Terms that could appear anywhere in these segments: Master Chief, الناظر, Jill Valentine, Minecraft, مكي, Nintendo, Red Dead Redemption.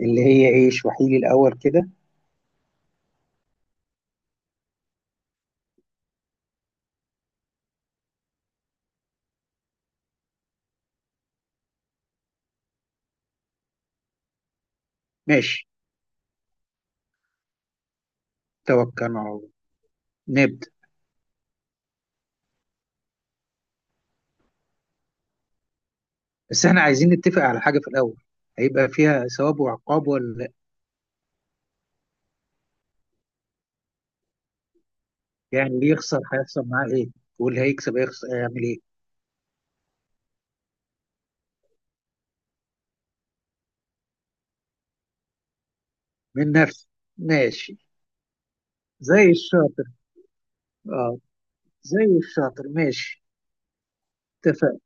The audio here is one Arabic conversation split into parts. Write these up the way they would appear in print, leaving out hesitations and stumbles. اللي هي ايه اشرحي لي الاول كده؟ ماشي. توكلنا على الله. نبدأ. بس احنا عايزين نتفق على حاجة في الاول. هيبقى فيها ثواب وعقاب ولا؟ يعني اللي يخسر هيحصل معاه ايه؟ واللي هيكسب هيخسر هيعمل ايه؟ من نفسه. ماشي. زي الشاطر. اه، زي الشاطر. ماشي. اتفق،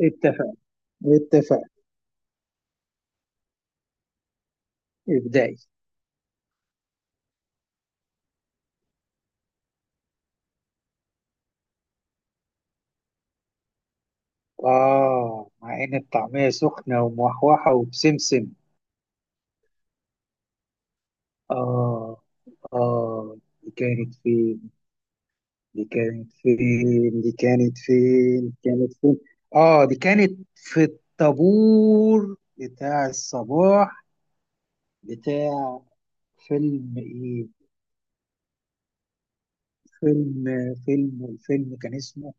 اتفق، اتفق. ابدأي. اه، مع ان الطعمية سخنة وموحوحة وبسمسم. اه، اه. دي كانت فين؟ دي كانت فين؟ دي كانت فين؟ دي كانت فين؟ اه، دي كانت في الطابور بتاع الصباح بتاع. فيلم ايه؟ فيلم فيلم والفيلم كان اسمه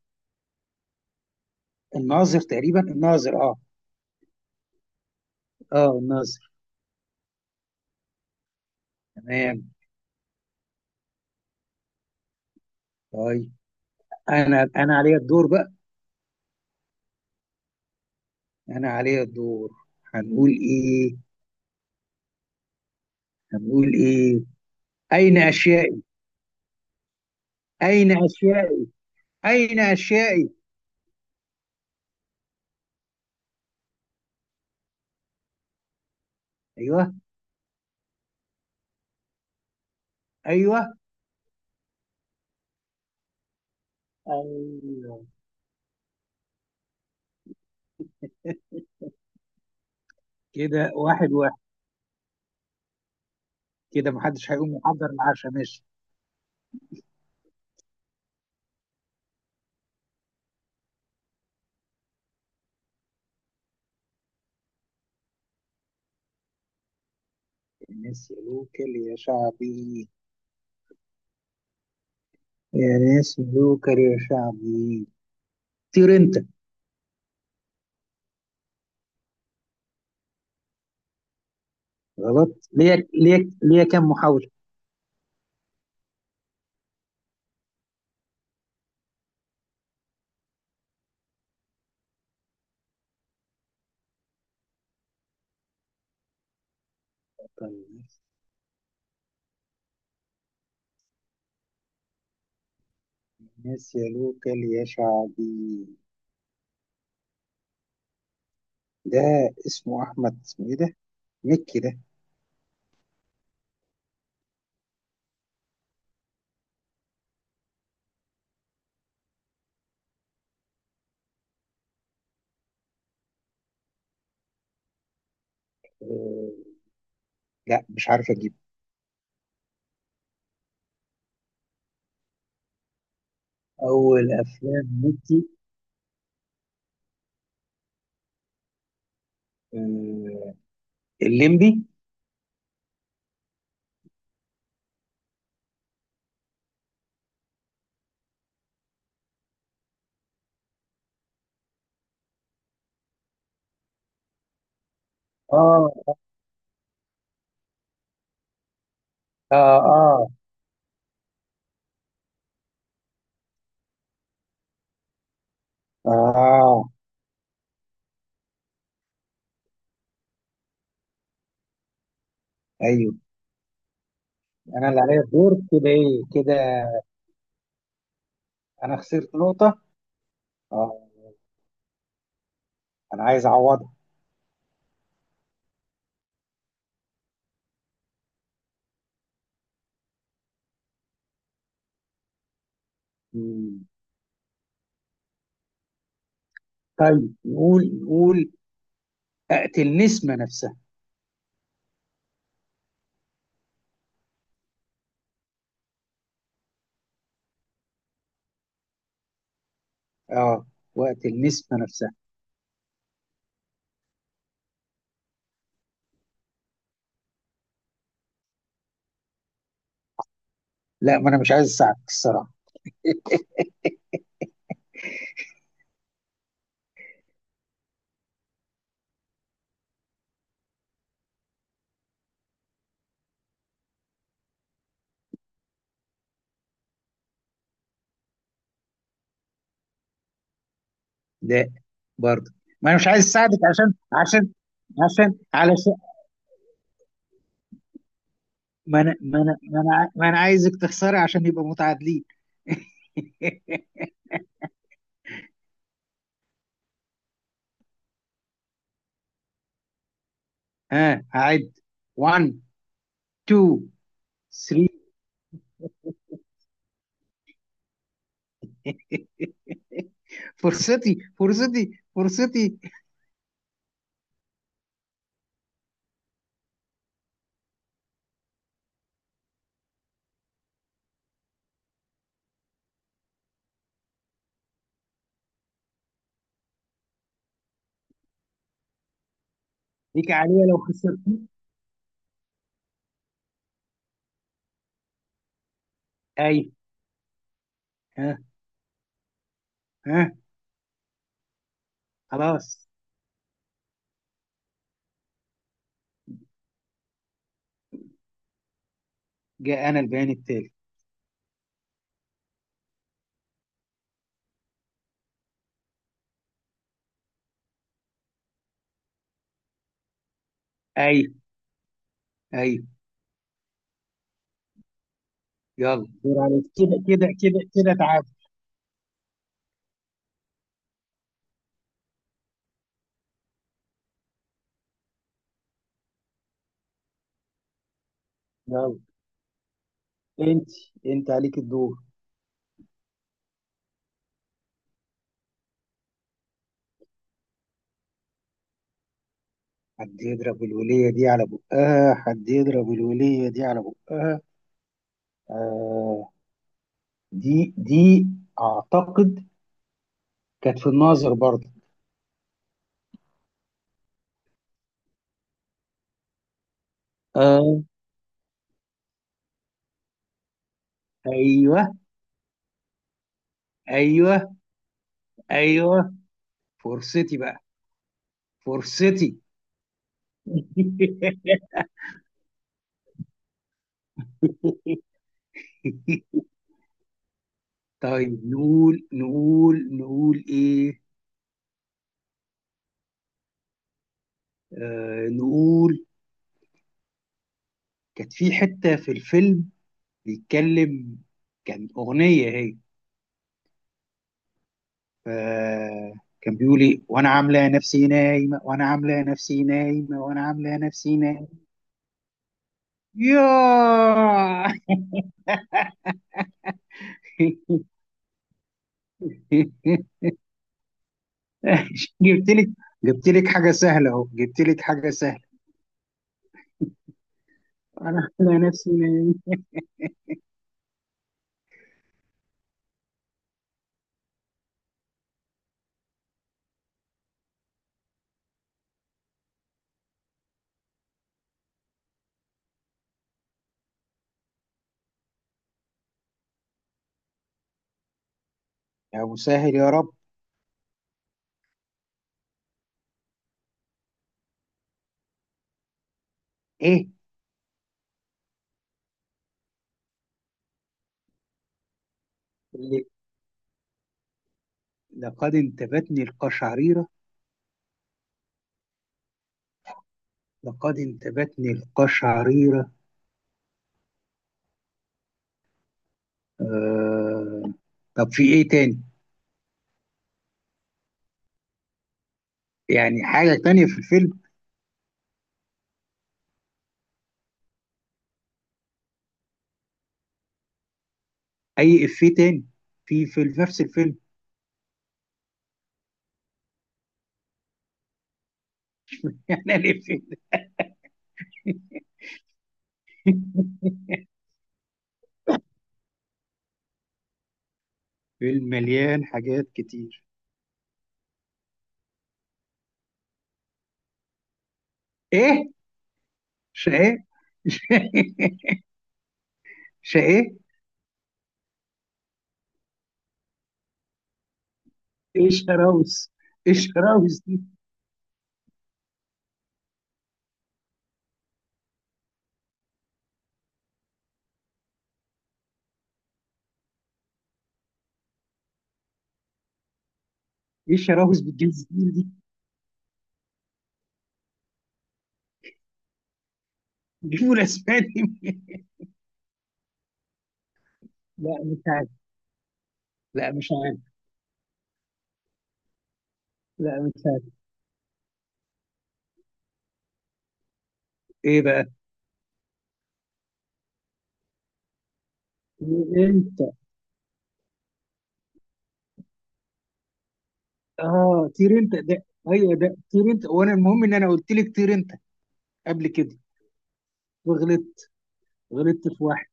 الناظر تقريبا. الناظر. اه، اه. الناظر. تمام. طيب. انا عليا الدور بقى. انا عليا الدور. هنقول ايه؟ هنقول ايه؟ اين اشيائي؟ اين اشيائي؟ اين اشيائي؟ ايوه، ايوه، ايوه. كده واحد واحد. كده محدش هيقوم يحضر العشاء. ماشي. الناس يلوكل يا شعبي. يا ناس يلوكل يا شعبي. طير انت. غلط. ليا كام محاولة؟ طيب. الناس يا لوكال يا شعبي ده. اسمه أحمد. اسمه إيه ده؟ مكي ده. آه. لا، مش عارف أجيب. أول أفلام مكي؟ آه. الليمبي؟ آه، آه، آه، آه. أيوه. أنا اللي عليا الدور كده. إيه كده؟ أنا خسرت نقطة. آه. أنا عايز أعوضها. مم. طيب. نقول. أقتل نسمة نفسها. آه، وأقتل نسمة نفسها. لا، ما أنا مش عايز أساعدك الصراحة. لا، برضه. ما انا مش عايز اساعدك عشان عشان عشان علشان ما انا ما انا ما انا ع- ما أنا عايزك تخسري عشان يبقى متعادلين. ها، هعد. 1، 2، 3. فرصتي، فرصتي، فرصتي. ليك عليا لو خسرت. اي. ها، ها. خلاص. جاء انا البيان التالي. اي، اي. يلا. دور عليك كده كده كده كده. تعادل. يلا. انت انت عليك الدور. حد يضرب الولية دي على بقها. حد يضرب الولية دي على بقها. آه، دي أعتقد كانت في الناظر برضه. آه. أيوه، أيوه، أيوه. فرصتي بقى. فرصتي. طيب. نقول إيه؟ آه، نقول. كانت في حتة في الفيلم بيتكلم. كان أغنية هي. آه، كان بيقول لي وانا عامله نفسي نايمه، وانا عامله نفسي نايمه، وانا عامله نفسي نايمه. ياه. جبت لك. جبت لك حاجه سهله اهو. جبت لك حاجه سهله. انا عامله نفسي نايمه. يا مسهل يا رب. ايه اللي لقد انتابتني القشعريره؟ لقد انتابتني القشعريره. آه. طب في ايه تاني؟ يعني حاجه تانية في الفيلم. اي افيه تاني؟ في نفس الفيلم. يعني الافيه. فيلم مليان حاجات كتير. ايه شقاق؟ شقاق. ايه الشراوس؟ ايه الشراوس دي؟ ايه الشراوس بالجنس دي؟ جيبوا الاسماء دي منين؟ لا، مش عارف. لا، مش عارف. لا، مش عارف. ايه بقى؟ طير انت. اه، طير انت ده. ايوه، ده طير انت، وانا المهم ان انا قلت لك طير انت قبل كده. وغلطت. غلطت في واحد.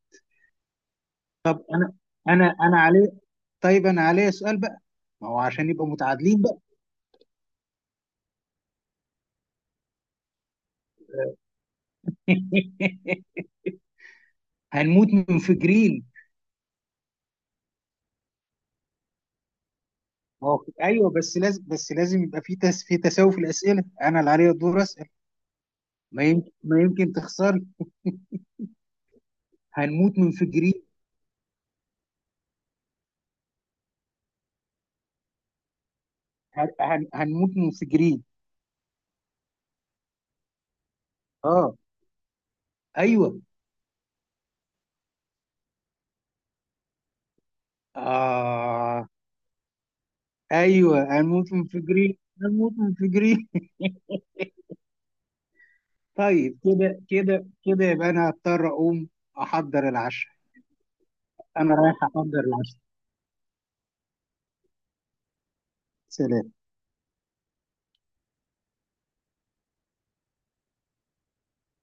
طب انا. انا عليه. طيب، انا عليه سؤال بقى. ما هو عشان يبقى متعادلين بقى. هنموت منفجرين. ما هو ايوه، بس لازم، بس لازم يبقى في تساوي في الاسئله. انا اللي عليا الدور اسال. ما يمكن تخسري. هنموت منفجرين. هنموت منفجرين. اه. ايوه. اه، ايوه. هنموت منفجرين. هنموت منفجرين. طيب، كده كده كده. يبقى انا هضطر اقوم احضر العشاء. انا رايح احضر العشاء. سلام.